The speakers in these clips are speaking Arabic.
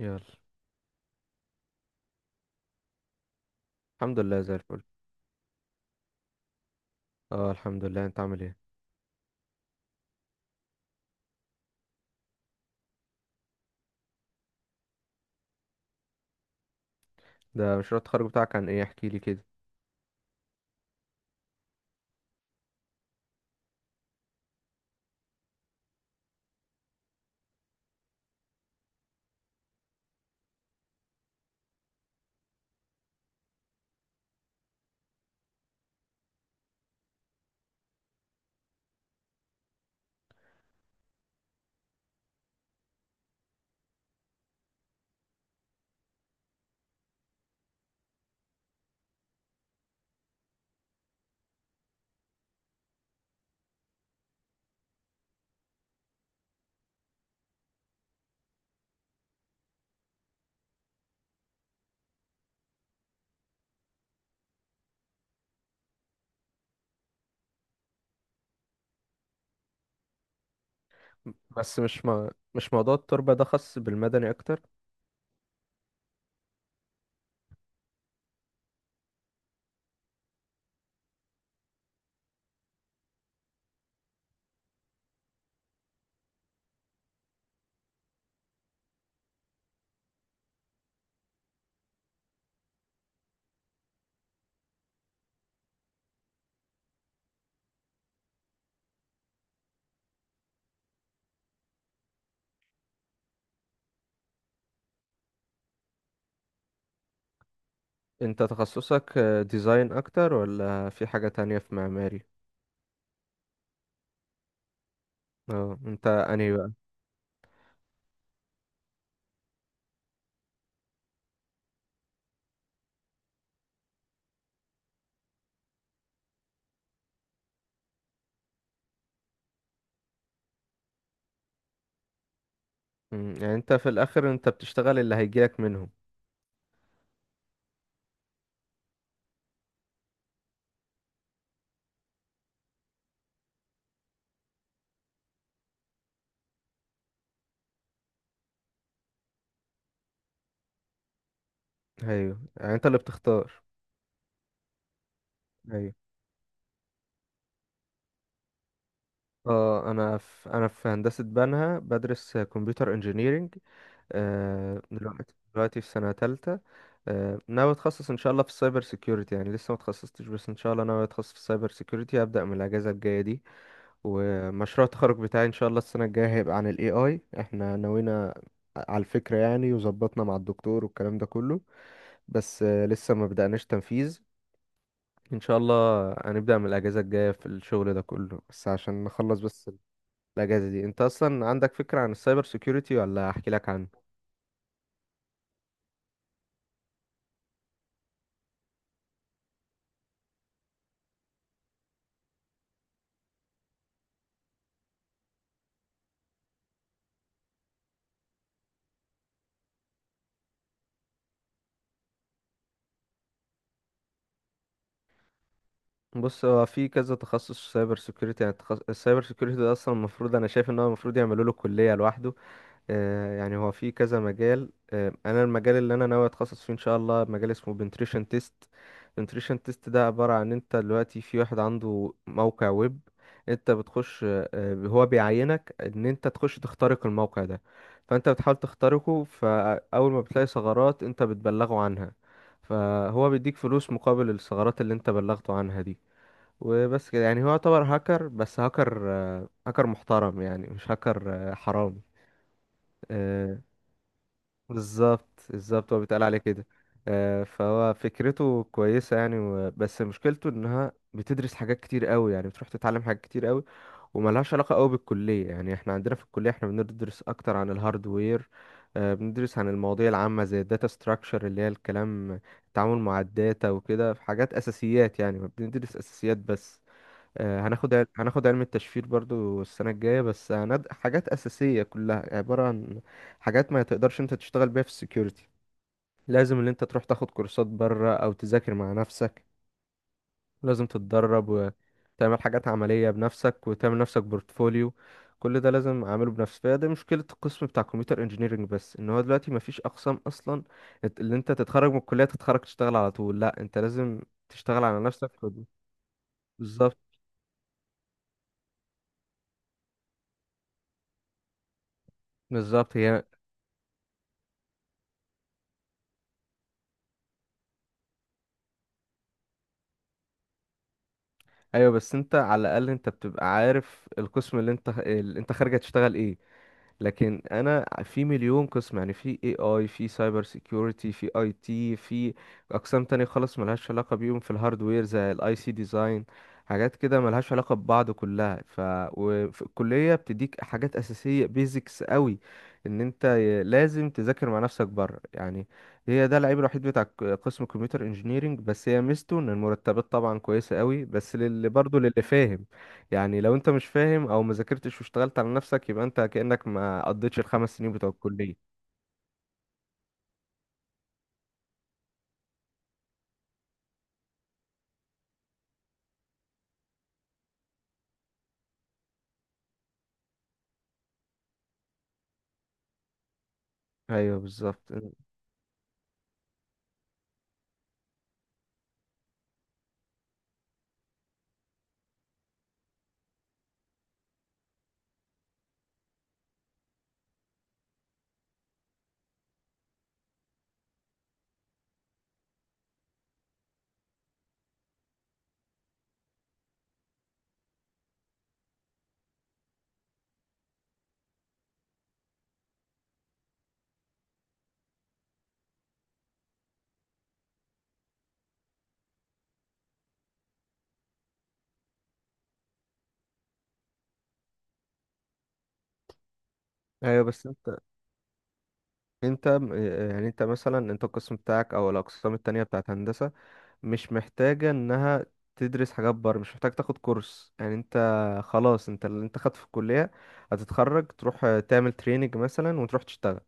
يلا. الحمد لله زي الفل. اه، الحمد لله، انت عامل ايه؟ ده مشروع التخرج بتاعك عن ايه، احكي لي كده. بس مش موضوع التربة ده خاص بالمدني اكتر؟ انت تخصصك ديزاين اكتر، ولا في حاجة تانية في معماري؟ اه، انت انهي بقى؟ يعني انت في الاخر انت بتشتغل اللي هيجيلك منهم. ايوه، يعني انت اللي بتختار. ايوه. اه، انا في انا في هندسة بنها، بدرس كمبيوتر انجينيرينج. دلوقتي في سنة تالتة. ناوي اتخصص ان شاء الله في السايبر سيكيورتي، يعني لسه ما اتخصصتش، بس ان شاء الله ناوي اتخصص في السايبر سيكيورتي، هبدأ من الاجازة الجاية دي. ومشروع التخرج بتاعي ان شاء الله السنة الجاية هيبقى عن الاي، احنا نوينا على الفكرة يعني، وظبطنا مع الدكتور والكلام ده كله، بس لسه ما بدأناش تنفيذ. ان شاء الله هنبدأ من الاجازة الجاية في الشغل ده كله، بس عشان نخلص بس. الاجازة دي، انت اصلا عندك فكرة عن السايبر سيكيورتي، ولا احكي لك عنه؟ بص، هو في كذا تخصص سايبر سيكيورتي، يعني السايبر سيكيورتي ده اصلا المفروض، انا شايف ان هو المفروض يعملوا له كليه لوحده. آه، يعني هو في كذا مجال. آه، انا المجال اللي انا ناوي اتخصص فيه ان شاء الله مجال اسمه بنتريشن تيست. بنتريشن تيست ده عباره عن انت دلوقتي في واحد عنده موقع ويب، انت بتخش، هو بيعينك ان انت تخش تخترق الموقع ده، فانت بتحاول تخترقه، فاول ما بتلاقي ثغرات انت بتبلغه عنها، فهو بيديك فلوس مقابل الثغرات اللي انت بلغته عنها دي. وبس كده، يعني هو يعتبر هاكر، بس هاكر، هاكر محترم يعني، مش هاكر حرامي. آه، بالظبط بالظبط، هو بيتقال عليه كده. فهو فكرته كويسة يعني، بس مشكلته انها بتدرس حاجات كتير قوي، يعني بتروح تتعلم حاجات كتير قوي وملهاش علاقة قوي بالكلية. يعني احنا عندنا في الكلية احنا بندرس اكتر عن الهاردوير. بندرس عن المواضيع العامة زي الداتا ستراكشر، اللي هي الكلام التعامل مع الداتا وكده، في حاجات اساسيات يعني، بندرس اساسيات بس. هناخد علم التشفير برضو السنة الجاية، بس حاجات أساسية كلها، عبارة عن حاجات ما تقدرش انت تشتغل بيها في السكيورتي. لازم ان انت تروح تاخد كورسات بره، او تذاكر مع نفسك، لازم تتدرب وتعمل حاجات عملية بنفسك وتعمل نفسك بورتفوليو. كل ده لازم اعمله بنفسي، فهي دي مشكلة القسم بتاع كمبيوتر انجينيرنج، بس ان هو دلوقتي مفيش اقسام اصلا. اللي انت تتخرج من الكلية تتخرج تشتغل على طول، لا، انت لازم تشتغل على نفسك. بالظبط بالظبط هي. ايوه، بس انت على الاقل انت بتبقى عارف القسم اللي انت خارج هتشتغل ايه. لكن انا في مليون قسم، يعني في اي في سايبر سيكيورتي، في اي تي، في اقسام تانية خالص ملهاش علاقة بيهم، في الهاردوير زي الاي سي ديزاين، حاجات كده ملهاش علاقة ببعض كلها، ف وفي الكلية بتديك حاجات أساسية بيزكس قوي، ان انت لازم تذاكر مع نفسك بره يعني. هي ده العيب الوحيد بتاع قسم كمبيوتر انجينيرينج، بس هي ميزته ان المرتبات طبعا كويسة قوي، بس للي برضه للي فاهم. يعني لو انت مش فاهم، او ما ذاكرتش واشتغلت على نفسك، يبقى انت كأنك ما قضيتش الخمس سنين بتوع الكلية. ايوه بالظبط. ايوه بس انت م- يعني انت مثلا، انت القسم بتاعك او الاقسام التانية بتاعت هندسة، مش محتاجة انها تدرس حاجات بره، مش محتاج تاخد كورس يعني. انت خلاص، انت اللي انت خدت في الكلية، هتتخرج تروح تعمل تريننج مثلا وتروح تشتغل.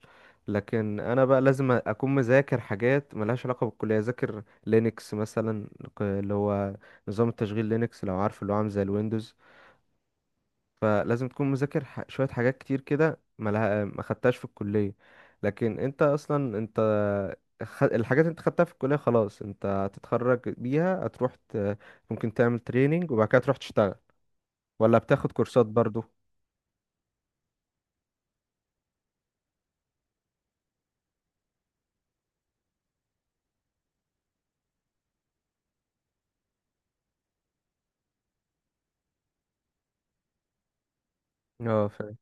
لكن انا بقى لازم اكون مذاكر حاجات ملهاش علاقة بالكلية، اذاكر لينكس مثلا، اللي هو نظام التشغيل لينكس، لو عارف، اللي هو عامل زي الويندوز. فلازم تكون مذاكر شوية حاجات كتير كده ما خدتهاش في الكلية. لكن انت اصلا انت الحاجات اللي انت خدتها في الكلية خلاص، انت هتتخرج بيها، ممكن تعمل تريننج وبعد كده تروح تشتغل، ولا بتاخد كورسات برضو. اه فاهم.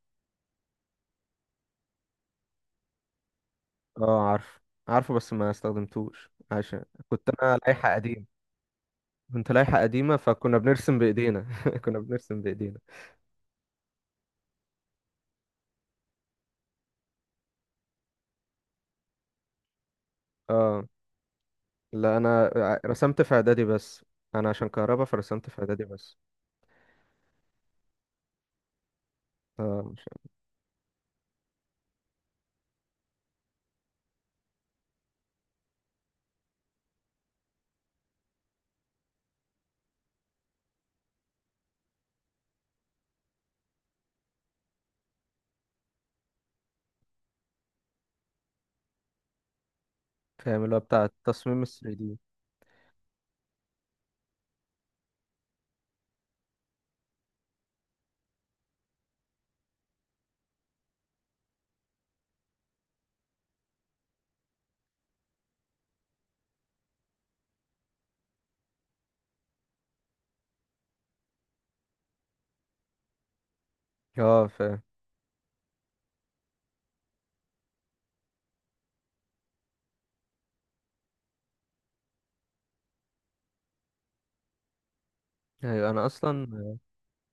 اه عارف، عارفه، بس ما استخدمتوش عشان كنت انا لائحة قديم. كنت لائحة قديمة، فكنا بنرسم بإيدينا كنا بنرسم بإيدينا. اه لا، انا رسمت في اعدادي بس، انا عشان كهربا فرسمت في اعدادي بس. اه فاهم، اللي هو بتاع التصميم ال 3D. اه فاهم. ايوه انا اصلا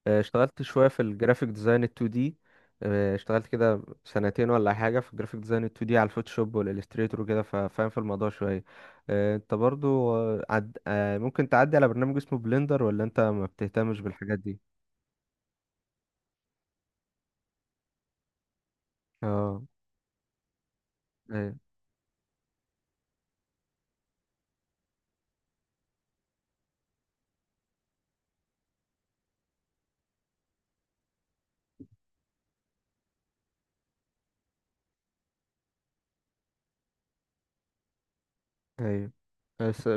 اشتغلت شويه في الجرافيك ديزاين ال 2D. اشتغلت كده سنتين ولا حاجه في الجرافيك ديزاين ال 2D على الفوتوشوب والاليستريتور وكده، ففاهم في الموضوع شويه. انت برضو، آه، عد... آه، ممكن تعدي على برنامج اسمه بلندر، ولا انت ما بتهتمش بالحاجات دي؟ اه ايوه ايوه. بس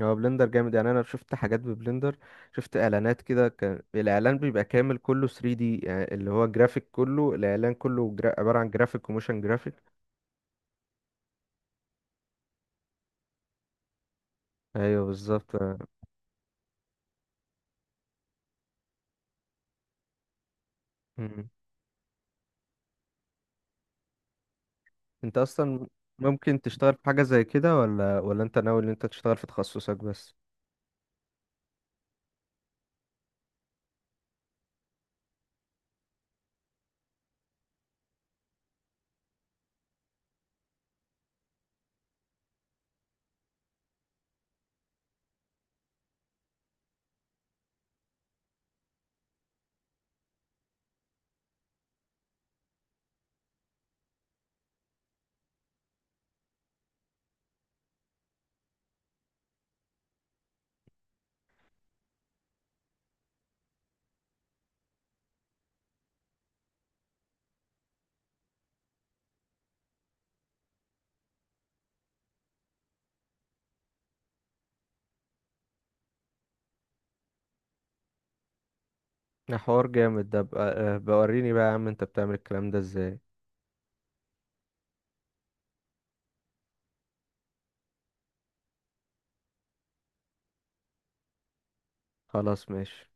هو بلندر جامد يعني، انا شفت حاجات ببلندر، شفت اعلانات كده كان الاعلان بيبقى كامل كله 3D، يعني اللي هو جرافيك كله، الاعلان كله عبارة عن جرافيك وموشن جرافيك. ايوه بالظبط. مم. انت اصلا ممكن تشتغل في حاجة زي كده، ولا انت ناوي ان انت تشتغل في تخصصك بس؟ ده حوار جامد ده بقى... بوريني بقى يا عم، انت بتعمل الكلام ده ازاي؟ خلاص ماشي.